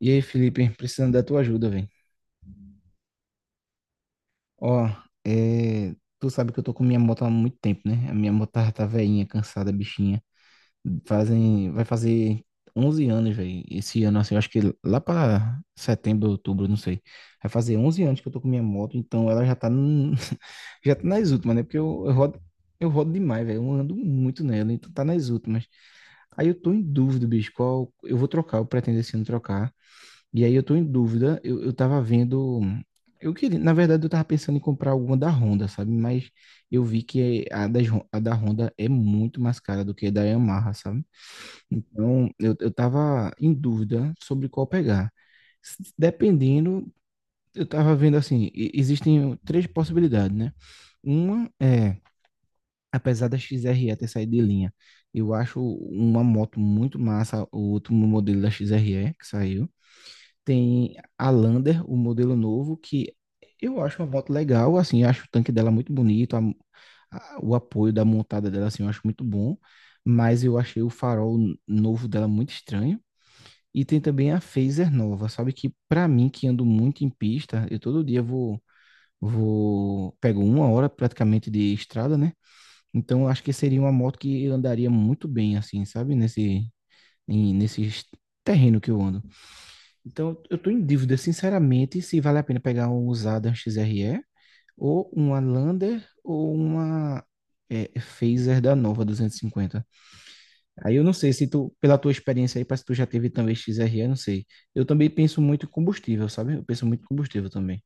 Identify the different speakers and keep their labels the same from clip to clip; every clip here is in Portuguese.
Speaker 1: E aí, Felipe, precisando da tua ajuda, velho. Ó, tu sabe que eu tô com minha moto há muito tempo, né? A minha moto tá velhinha, cansada, bichinha. Fazem, vai fazer 11 anos, velho. Esse ano, assim, eu acho que lá pra setembro, outubro, não sei. Vai fazer 11 anos que eu tô com minha moto, então ela já tá, já tá nas últimas, né? Porque eu rodo, eu rodo demais, velho. Eu ando muito nela, então tá nas últimas. Aí eu tô em dúvida, bicho, qual eu vou trocar, eu pretendo esse ano trocar. E aí eu tô em dúvida, eu tava vendo. Eu queria, na verdade, eu tava pensando em comprar alguma da Honda, sabe? Mas eu vi que a da Honda é muito mais cara do que a da Yamaha, sabe? Então eu tava em dúvida sobre qual pegar. Dependendo, eu tava vendo assim, existem três possibilidades, né? Uma é, apesar da X XRE ter saído de linha, eu acho uma moto muito massa, o último modelo da X XRE que saiu. Tem a Lander, o modelo novo, que eu acho uma moto legal, assim, eu acho o tanque dela muito bonito, o apoio da montada dela, assim, eu acho muito bom, mas eu achei o farol novo dela muito estranho. E tem também a Fazer nova, sabe que pra mim, que ando muito em pista, eu todo dia vou, vou, pego uma hora praticamente de estrada, né? Então eu acho que seria uma moto que eu andaria muito bem, assim, sabe? Nesse terreno que eu ando. Então, eu tô em dúvida, sinceramente, se vale a pena pegar um usado um XRE, ou uma Lander, ou uma Phaser da Nova 250. Aí eu não sei se tu, pela tua experiência aí, parece que tu já teve também XRE, não sei. Eu também penso muito em combustível, sabe? Eu penso muito em combustível também.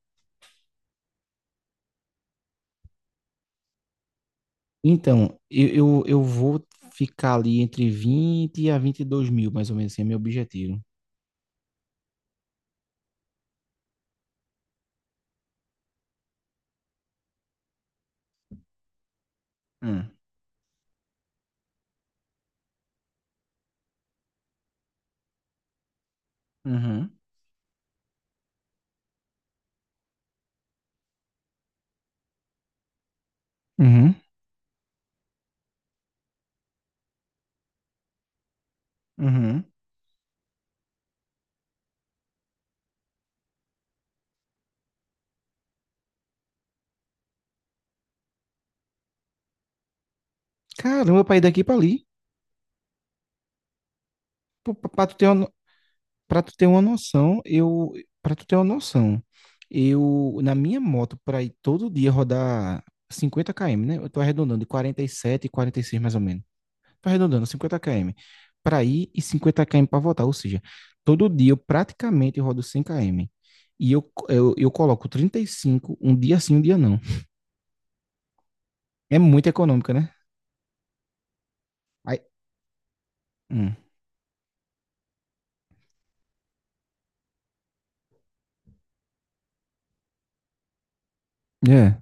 Speaker 1: Então, eu vou ficar ali entre 20 a 22 mil, mais ou menos, assim, é meu objetivo. Hum. Uhum. Uhum. Uhum. Caramba, pra ir daqui pra ali. Pra, pra tu ter uma, Para tu ter uma noção, para tu ter uma noção, eu na minha moto para ir todo dia rodar 50 km, né? Eu tô arredondando de 47 e 46 mais ou menos. Tô arredondando 50 km para ir e 50 km para voltar, ou seja, todo dia eu praticamente rodo 100 km. E eu coloco 35 um dia sim, um dia não. É muito econômica, né? Aí, hum, é,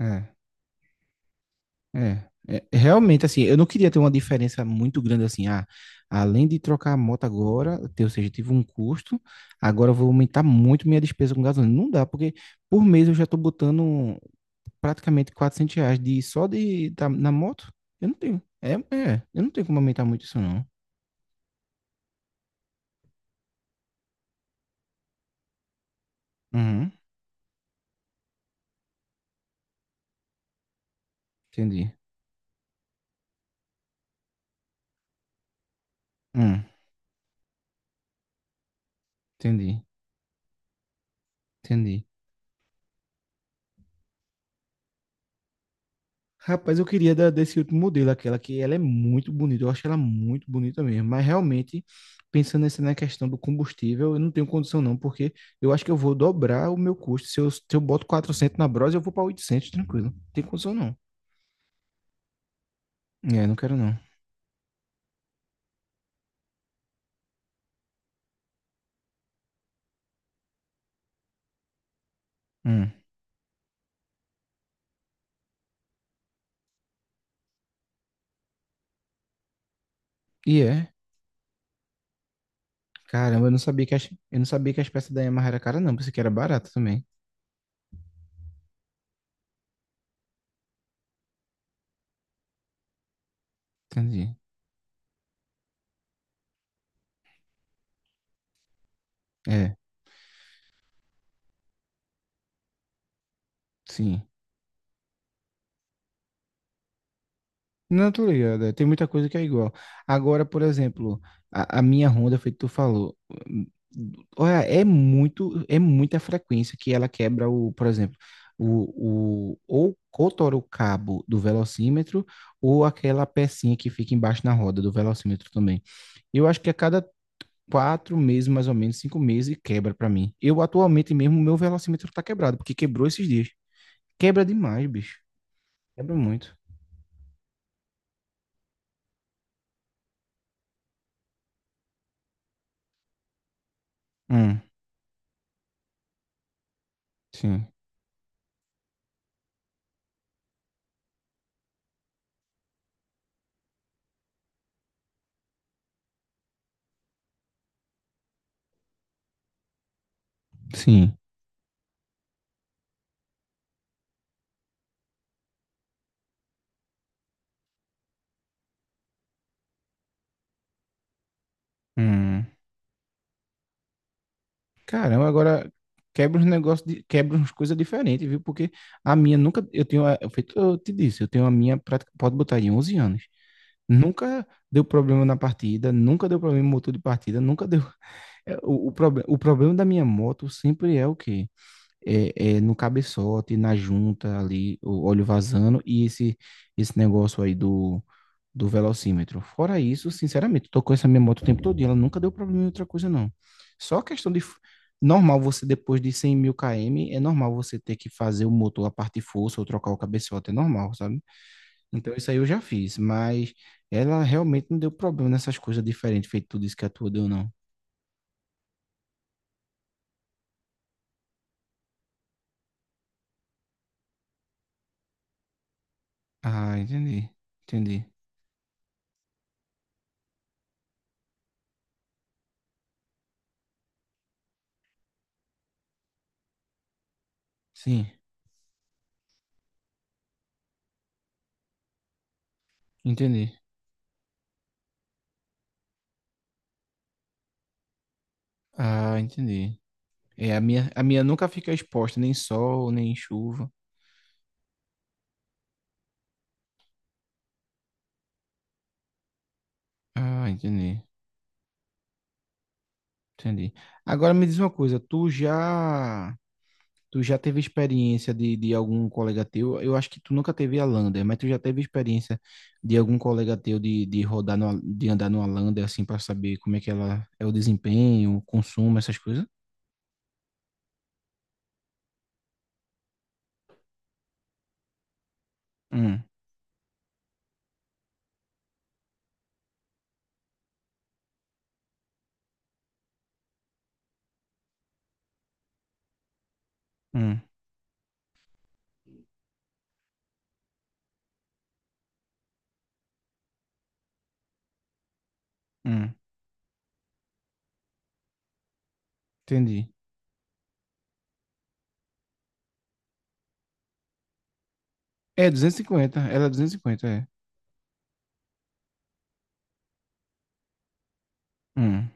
Speaker 1: é. é. É, realmente assim, eu não queria ter uma diferença muito grande assim, além de trocar a moto agora, ou seja, tive um custo, agora eu vou aumentar muito minha despesa com gasolina. Não dá, porque por mês eu já tô botando praticamente 400 reais de, só de, da- na moto. Eu não tenho, eu não tenho como aumentar muito isso não. Uhum, entendi. Hum, entendi, entendi. Rapaz, eu queria da, desse último modelo, aquela que ela é muito bonita, eu acho ela muito bonita mesmo, mas realmente, pensando nessa na questão do combustível, eu não tenho condição não, porque eu acho que eu vou dobrar o meu custo, se eu boto 400 na Bros, eu vou para 800 tranquilo, não tem condição não. É, não quero não. Hum. E é, caramba, eu não sabia que as, eu não sabia que as peças da Yamaha era cara não, pensei que era barata também. Entendi. É, sim. Não, tô ligado. Tem muita coisa que é igual. Agora, por exemplo, a minha Honda, foi que tu falou. Hum. Olha, é muito, é muita frequência que ela quebra o, por exemplo, o, o, ou, ou o cabo do velocímetro, ou aquela pecinha que fica embaixo na roda do velocímetro também. Eu acho que a cada quatro meses, mais ou menos, cinco meses, quebra pra mim. Eu atualmente mesmo, meu velocímetro tá quebrado, porque quebrou esses dias. Quebra demais, bicho. Quebra muito. Hum, sim. Sim. Hum. Caramba, agora quebra uns negócios, quebra uns coisas diferentes, viu? Porque a minha nunca, eu tenho, eu feito, eu te disse, eu tenho a minha, prática, pode botar aí, 11 anos. Nunca deu problema na partida, nunca deu problema no motor de partida, nunca deu. O, o problema da minha moto sempre é o quê? É, é no cabeçote, na junta ali, o óleo vazando e esse negócio aí do velocímetro. Fora isso, sinceramente, tô com essa minha moto o tempo todo e ela nunca deu problema em outra coisa, não. Só a questão de... Normal você, depois de 100 mil km, é normal você ter que fazer o motor, a parte de força, ou trocar o cabeçote, é normal, sabe? Então isso aí eu já fiz, mas ela realmente não deu problema nessas coisas diferentes, feito tudo isso que a tua deu, não. Ah, entendi. Entendi. Sim, entendi. Ah, entendi. É, a minha nunca fica exposta, nem sol, nem chuva. Ah, entendi. Entendi. Agora me diz uma coisa, tu já teve experiência de algum colega teu? Eu acho que tu nunca teve a Lander, mas tu já teve experiência de algum colega teu de rodar no, de andar numa Lander assim para saber como é que ela é o desempenho, o consumo, essas coisas? Hum, hum, hum. Entendi. É 250. Ela é 250 é. Hum.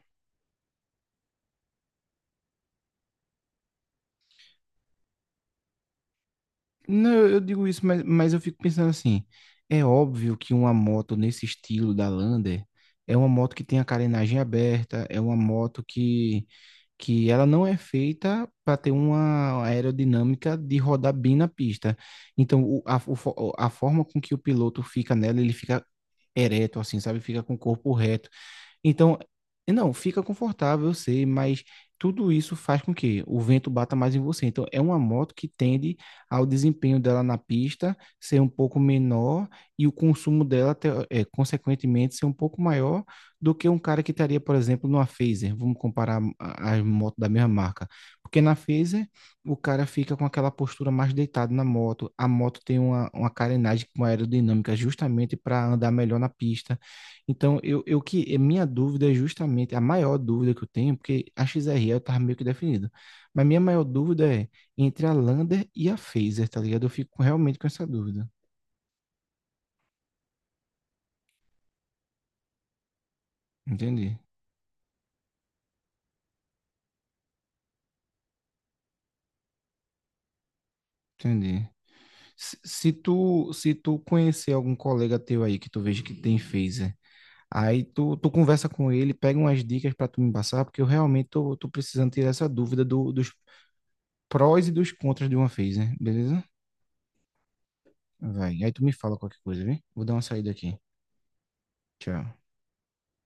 Speaker 1: Não, eu digo isso, mas eu fico pensando assim, é óbvio que uma moto nesse estilo da Lander é uma moto que tem a carenagem aberta, é uma moto que ela não é feita para ter uma aerodinâmica de rodar bem na pista. Então, a forma com que o piloto fica nela, ele fica ereto, assim, sabe? Fica com o corpo reto. Então, não, fica confortável, eu sei, mas tudo isso faz com que o vento bata mais em você. Então, é uma moto que tende ao desempenho dela na pista ser um pouco menor e o consumo dela, consequentemente, ser um pouco maior do que um cara que estaria, por exemplo, numa Fazer. Vamos comparar as motos da mesma marca. Porque na Fazer, o cara fica com aquela postura mais deitado na moto. A moto tem uma carenagem com aerodinâmica justamente para andar melhor na pista. Então, eu que a minha dúvida é justamente a maior dúvida que eu tenho, porque a X XRE eu tava meio que definido. Mas minha maior dúvida é entre a Lander e a Phaser, tá ligado? Eu fico realmente com essa dúvida. Entendi, entendi. Se tu conhecer algum colega teu aí que tu veja que tem Phaser, tu conversa com ele, pega umas dicas para tu me passar, porque eu realmente tô, tô precisando tirar essa dúvida dos prós e dos contras de uma Phaser, beleza? Vai. Aí tu me fala qualquer coisa, viu? Vou dar uma saída aqui. Tchau.